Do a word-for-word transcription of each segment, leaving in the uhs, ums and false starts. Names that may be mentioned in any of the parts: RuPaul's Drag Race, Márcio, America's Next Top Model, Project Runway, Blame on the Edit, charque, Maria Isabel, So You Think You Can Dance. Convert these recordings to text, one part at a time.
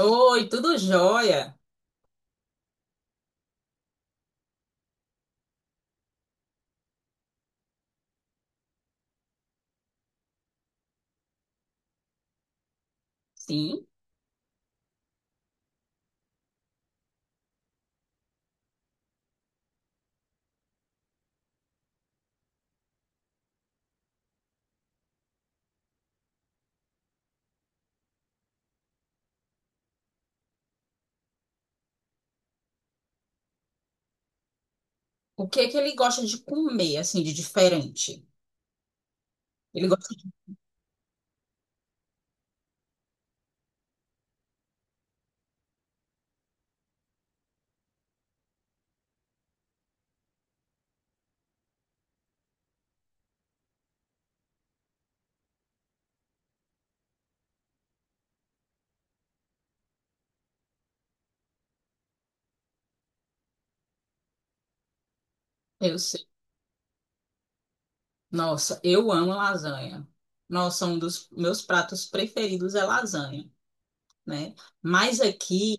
Oi, tudo jóia? Sim. O que é que ele gosta de comer, assim, de diferente? Ele gosta de... Eu sei. Nossa, eu amo lasanha. Nossa, um dos meus pratos preferidos é lasanha, né? Mas aqui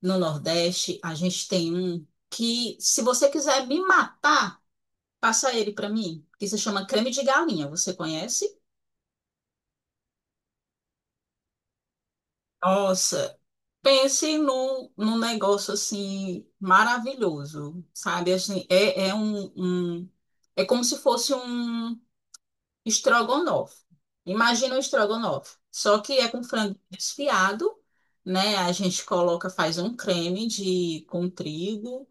no Nordeste, a gente tem um que, se você quiser me matar, passa ele pra mim, que se chama creme de galinha. Você conhece? Nossa, pense num, num negócio assim maravilhoso, sabe? Assim, é, é um, um- é como se fosse um estrogonofe. Imagina um estrogonofe, só que é com frango desfiado, né? A gente coloca, faz um creme de com trigo,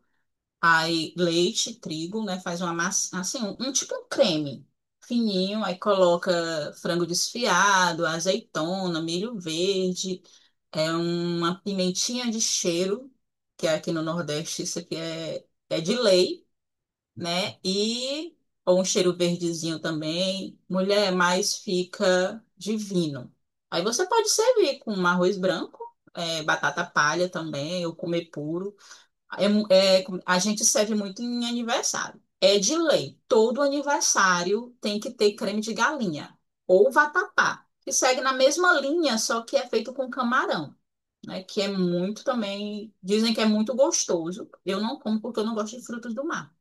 aí leite, trigo, né? Faz uma massa, assim, um, um tipo um creme fininho, aí coloca frango desfiado, azeitona, milho verde. É uma pimentinha de cheiro, que é aqui no Nordeste isso aqui é, é de lei, né? E ou um cheiro verdezinho também. Mulher, mais fica divino. Aí você pode servir com um arroz branco, é, batata palha também, ou comer puro. É mu- é- a gente serve muito em aniversário. É de lei. Todo aniversário tem que ter creme de galinha ou vatapá, que segue na mesma linha, só que é feito com camarão, né? Que é muito também. Dizem que é muito gostoso. Eu não como porque eu não gosto de frutos do mar.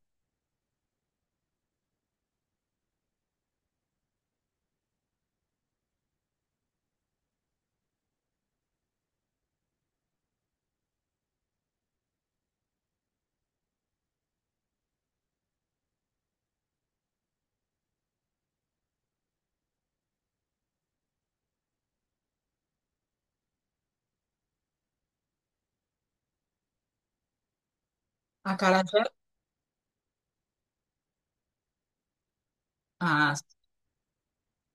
Acarajé. Ah,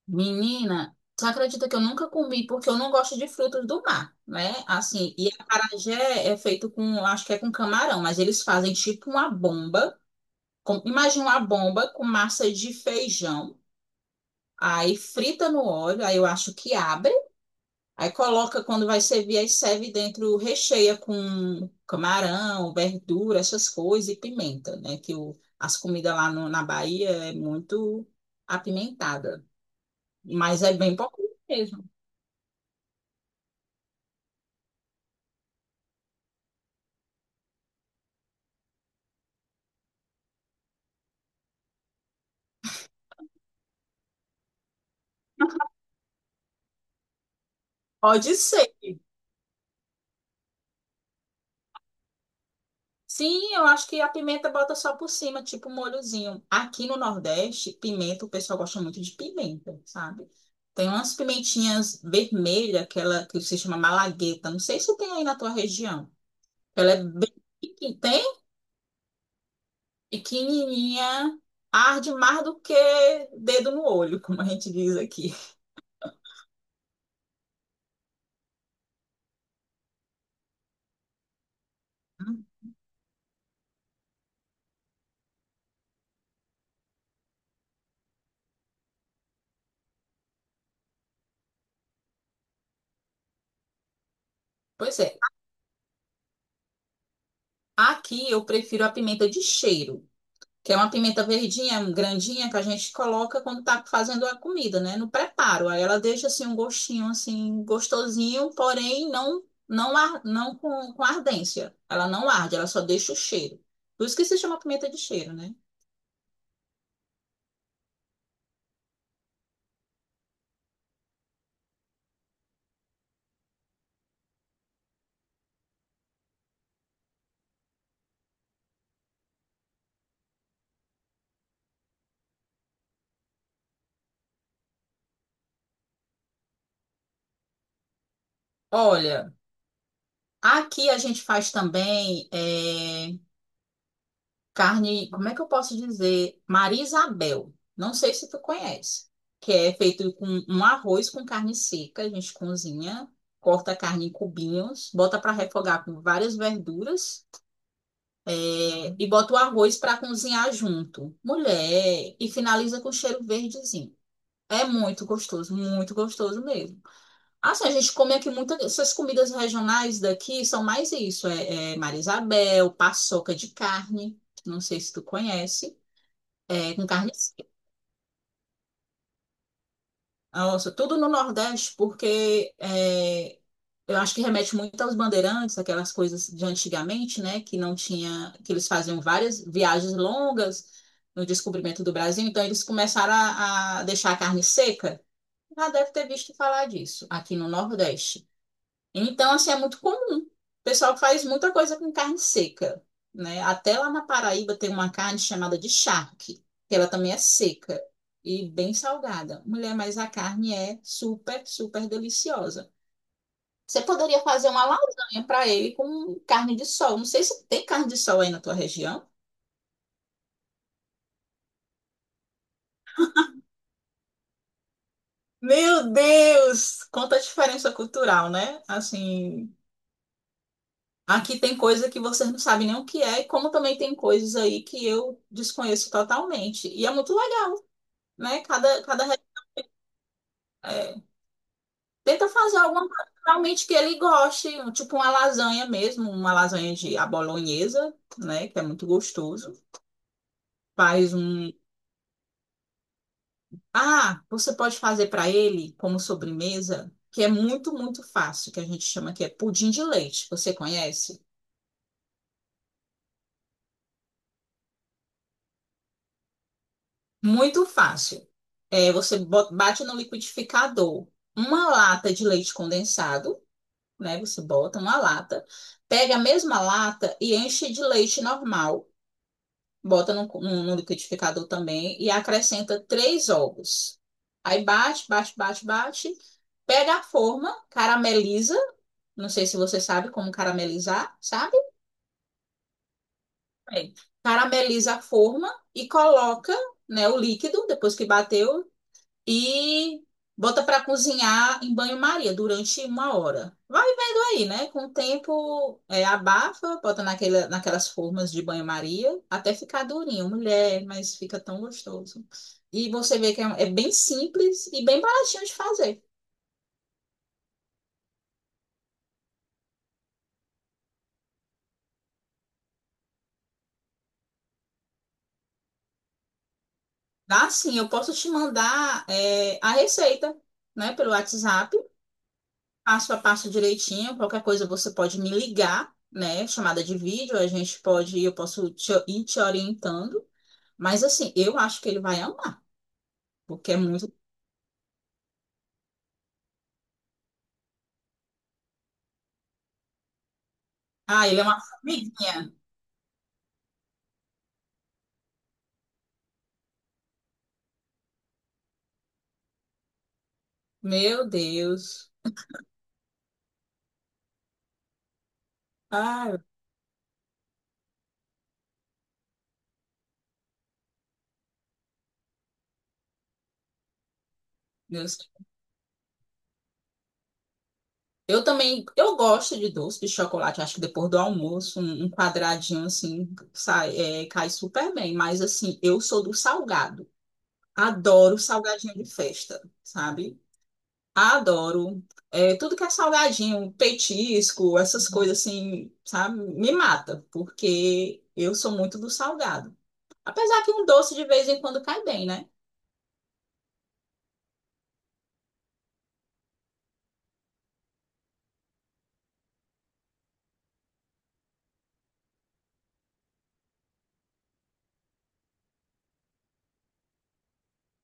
menina, você acredita que eu nunca comi porque eu não gosto de frutos do mar, né? Assim, e acarajé é feito com, acho que é com camarão, mas eles fazem tipo uma bomba. Com- imagina uma bomba com massa de feijão. Aí frita no óleo, aí eu acho que abre. Aí coloca, quando vai servir, aí serve dentro, recheia com camarão, verdura, essas coisas e pimenta, né? Que o, as comidas lá no- na Bahia é muito apimentada, mas é bem pouco mesmo. Pode ser. Sim, eu acho que a pimenta bota só por cima, tipo um molhozinho. Aqui no Nordeste, pimenta, o pessoal gosta muito de pimenta, sabe? Tem umas pimentinhas vermelhas, aquela que se chama malagueta. Não sei se tem aí na tua região. Ela é bem pequena. Pequenininha, arde mais do que dedo no olho, como a gente diz aqui. Pois é, aqui eu prefiro a pimenta de cheiro, que é uma pimenta verdinha, grandinha, que a gente coloca quando tá fazendo a comida, né? No preparo. Aí ela deixa assim um gostinho assim gostosinho, porém não não ar- não com, com ardência. Ela não arde, ela só deixa o cheiro. Por isso que se chama pimenta de cheiro, né? Olha, aqui a gente faz também é, carne, como é que eu posso dizer? Maria Isabel. Não sei se tu conhece. Que é feito com um arroz com carne seca. A gente cozinha, corta a carne em cubinhos, bota para refogar com várias verduras, é, e bota o arroz para cozinhar junto. Mulher, e finaliza com cheiro verdezinho. É muito gostoso, muito gostoso mesmo. Assim, a gente come aqui muitas. Essas comidas regionais daqui são mais isso. É, é Maria Isabel, paçoca de carne. Não sei se tu conhece. É, com carne seca. Nossa, tudo no Nordeste, porque é, eu acho que remete muito aos bandeirantes, aquelas coisas de antigamente, né? Que não tinha, que eles faziam várias viagens longas no descobrimento do Brasil, então eles começaram a, a deixar a carne seca. Já deve ter visto falar disso aqui no Nordeste. Então, assim, é muito comum. O pessoal faz muita coisa com carne seca, né? Até lá na Paraíba tem uma carne chamada de charque, que ela também é seca e bem salgada. Mulher, mas a carne é super, super deliciosa. Você poderia fazer uma lasanha para ele com carne de sol. Não sei se tem carne de sol aí na tua região. Meu Deus! Quanta diferença cultural, né? Assim, aqui tem coisa que vocês não sabem nem o que é, e como também tem coisas aí que eu desconheço totalmente. E é muito legal, né? Cada, cada, re- é, Tenta fazer alguma coisa realmente que ele goste, um- tipo uma lasanha mesmo, uma lasanha de à bolonhesa, né? Que é muito gostoso. Faz um. Ah, você pode fazer para ele como sobremesa, que é muito, muito fácil, que a gente chama que é pudim de leite. Você conhece? Muito fácil. É, você bo- bate no liquidificador uma lata de leite condensado, né? Você bota uma lata, pega a mesma lata e enche de leite normal, bota no, no- no liquidificador também e acrescenta três ovos. Aí bate, bate, bate, bate, pega a forma, carameliza. Não sei se você sabe como caramelizar, sabe? Bem, carameliza a forma e coloca, né, o líquido depois que bateu e bota para cozinhar em banho-maria durante uma hora. Vai vendo aí, né? Com o tempo, é, abafa, bota naquela, naquelas formas de banho-maria até ficar durinho, mulher, mas fica tão gostoso. E você vê que é, é bem simples e bem baratinho de fazer. Dá sim, eu posso te mandar, é, a receita, né, pelo WhatsApp, passo a passo direitinho. Qualquer coisa você pode me ligar, né, chamada de vídeo, a gente pode, eu posso te- ir te orientando. Mas assim, eu acho que ele vai amar, porque é muito. Ah, ele é uma formiguinha. Meu Deus. Ai, meu Deus. Eu também, eu gosto de doce de chocolate. Acho que depois do almoço, um, um quadradinho assim sai, é, cai super bem. Mas assim, eu sou do salgado. Adoro salgadinho de festa, sabe? Adoro. É, tudo que é salgadinho, petisco, essas coisas assim, sabe? Me mata, porque eu sou muito do salgado. Apesar que um doce de vez em quando cai bem, né?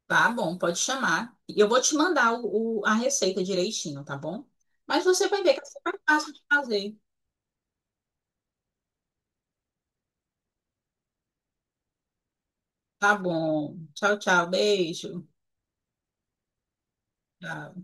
Tá bom, pode chamar. E eu vou te mandar o, o- a receita direitinho, tá bom? Mas você vai ver que é super fácil de fazer. Tá bom. Tchau, tchau. Beijo. Tchau.